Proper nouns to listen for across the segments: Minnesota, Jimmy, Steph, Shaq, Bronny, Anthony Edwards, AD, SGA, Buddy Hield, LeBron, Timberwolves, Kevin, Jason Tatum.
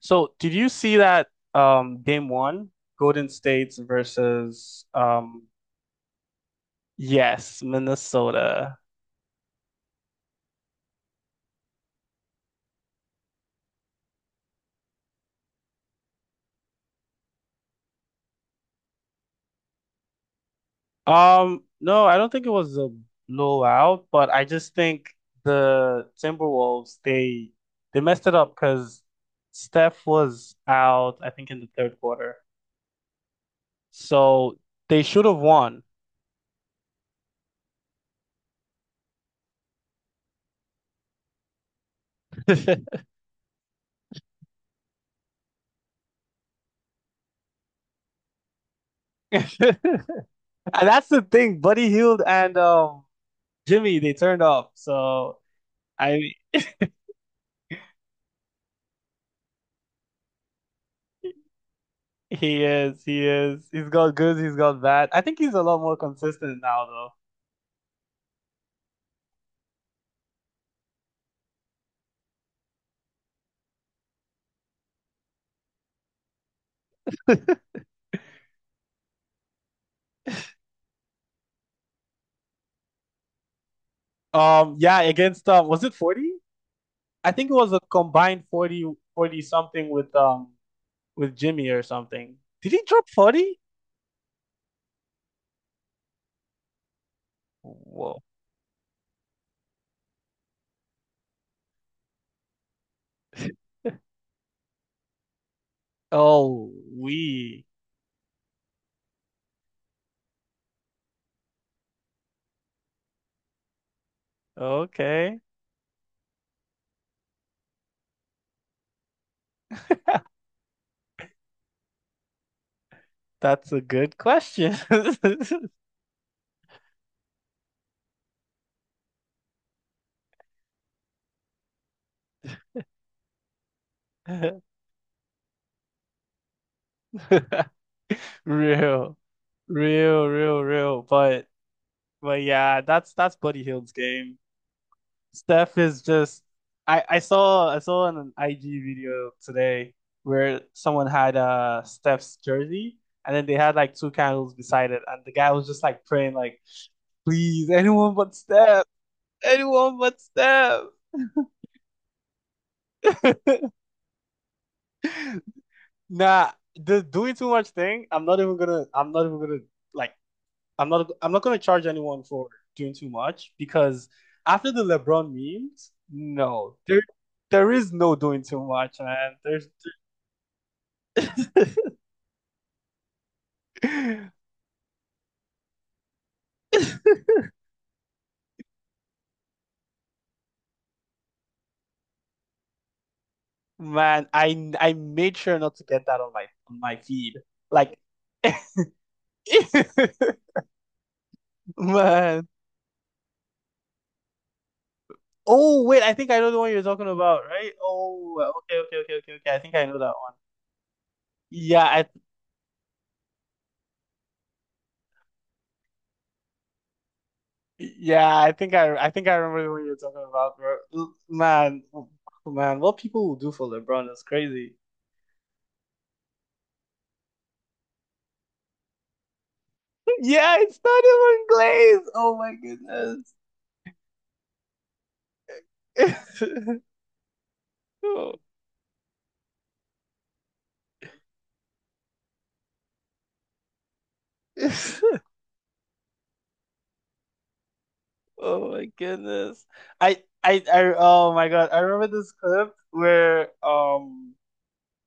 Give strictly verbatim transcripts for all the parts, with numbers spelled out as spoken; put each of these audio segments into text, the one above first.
So, did you see that um game one, Golden State's versus um yes, Minnesota. Um no, I don't think it was a blowout, but I just think the Timberwolves, they they messed it up because Steph was out, I think, in the third quarter. So, they should have won. And that's the thing, Buddy Hield and um Jimmy, they turned off. So, I. He is, he is. He's got good, he's got bad. I think he's a lot more consistent now though. Um, yeah, against um, was it forty? I think it was a combined forty, forty something with um with Jimmy or something. Did he drop forty? Whoa. Oh, we. Okay. That's a good question. Real. Real, real, real. But but yeah, that's that's Buddy Hield's game. Steph is just. I I saw I saw an I G video today where someone had uh Steph's jersey and then they had like two candles beside it and the guy was just like praying like, please, anyone but Steph, anyone but Steph. Nah, the doing too much thing, I'm not even gonna I'm not even gonna, like, I'm not I'm not gonna charge anyone for doing too much because after the LeBron memes, no, there there is no doing too much, man. There's. Man, I I made sure not to get that on my on my feed. Like, man. Oh wait, I think I know the one you're talking about, right? Oh, okay, okay, okay, okay, okay. I think I know that one. Yeah, I yeah, I think I I think I remember the one you're talking about, bro. L- Man, oh, man, what people will do for LeBron is crazy. Yeah, it's not even Glaze. Oh my goodness. Oh. Oh my goodness. I I I oh my God. I remember this clip where um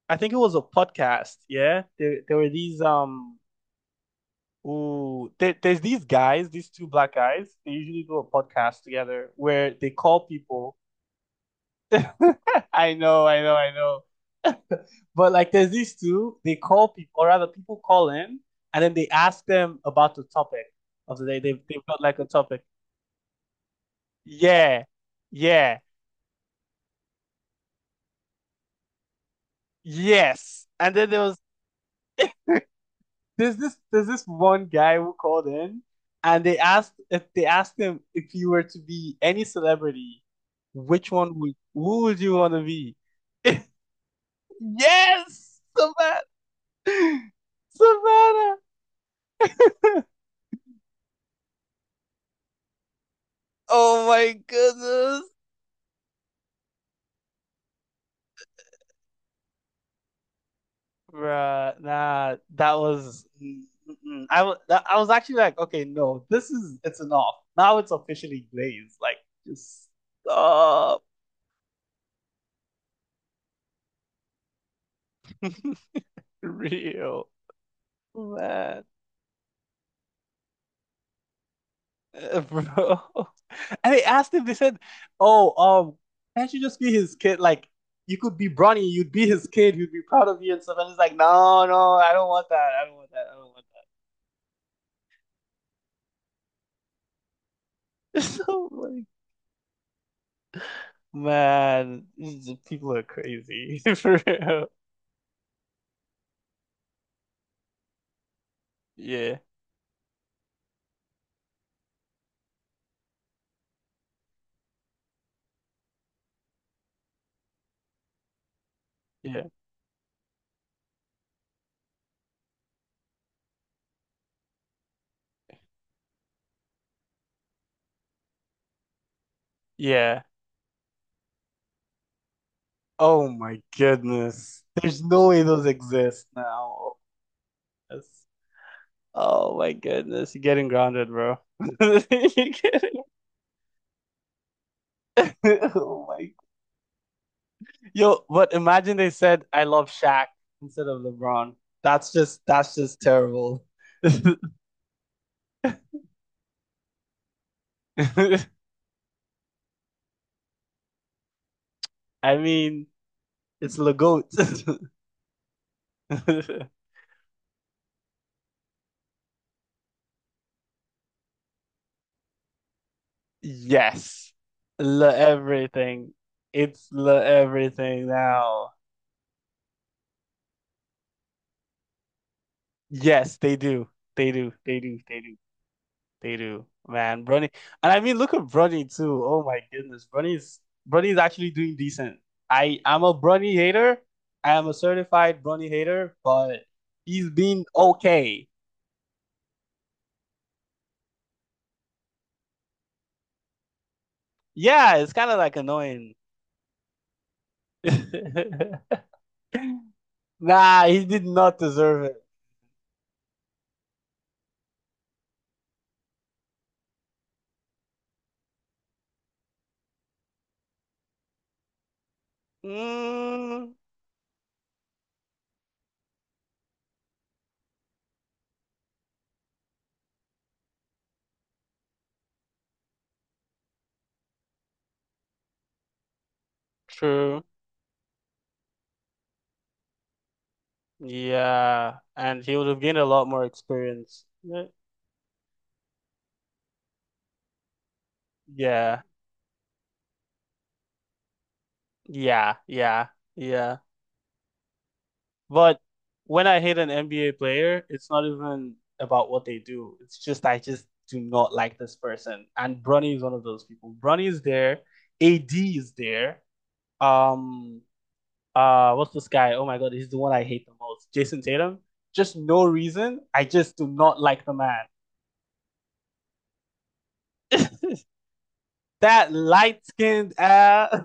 I think it was a podcast, yeah. There there were these um ooh there, there's these guys, these two black guys, they usually do a podcast together where they call people. I know, I know, I know. But like there's these two, they call people, or rather people call in, and then they ask them about the topic of the day. They've they've got like a topic. Yeah. Yeah. Yes. And then there was there's this there's this one guy who called in, and they asked if they asked him, if you were to be any celebrity, which one would who would you want to be? Yes, Savannah. Savannah. Oh my goodness. Bruh, nah, that was mm-mm. I was I was actually like, okay, no, this is it's enough. Now it's officially Blaze. Like, just stop. Real, man. Uh, bro. And they asked him. They said, "Oh, um, can't you just be his kid? Like, you could be Bronny. You'd be his kid. He'd be proud of you and stuff." And he's like, "No, no, I don't want that. I don't want that. I don't want that." So like, man, these people are crazy for real. Yeah, yeah, yeah. Oh my goodness, there's no way those exist now. That's- Oh my goodness, you're getting grounded, bro. You're. Oh my. Yo, but imagine they said I love Shaq instead of LeBron. That's just that's just terrible. I mean, it's Le goat. Yes. Le everything. It's le everything now. Yes, they do. They do. They do. They do. They do, man. Bronny, and I mean, look at Bronny too. Oh my goodness, Bronny's Bronny's actually doing decent. I I'm a Bronny hater. I am a certified Bronny hater, but he's been okay. Yeah, it's kind of like annoying. Nah, he did not deserve it. Mm, true. Yeah, and he would have gained a lot more experience. Yeah, yeah, yeah, yeah. But when I hate an N B A player, it's not even about what they do. It's just I just do not like this person. And Bronny is one of those people. Bronny is there, A D is there. Um, uh, what's this guy? Oh my God, he's the one I hate the most. Jason Tatum. Just no reason. I just do not like the man. That light skinned ass.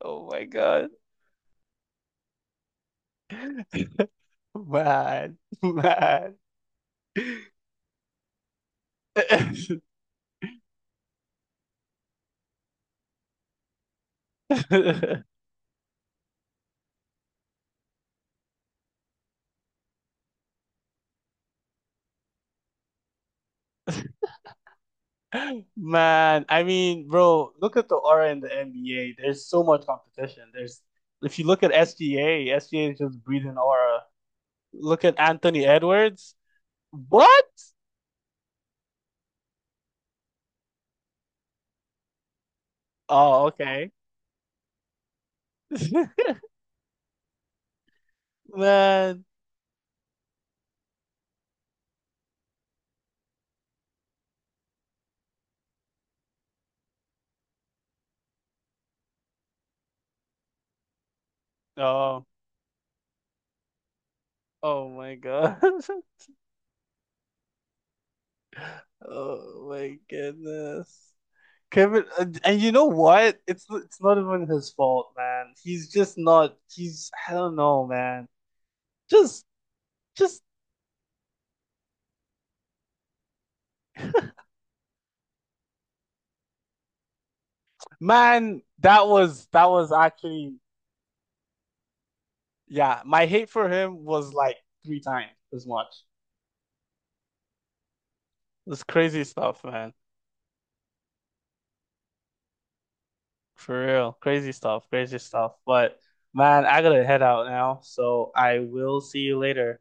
Oh my God. Man, man. Man, I mean, bro, look at the aura in the N B A. There's so much competition. There's If you look at S G A, S G A is just breathing aura. Look at Anthony Edwards. What? Oh, okay. Man. Oh. Oh my God. Oh my goodness. Kevin, and and you know what? It's it's not even his fault, man. He's just not. He's I don't know, man. Just just man, that was that was actually, yeah, my hate for him was like three times as much. It's crazy stuff, man. For real. Crazy stuff. Crazy stuff. But, man, I gotta head out now. So I will see you later.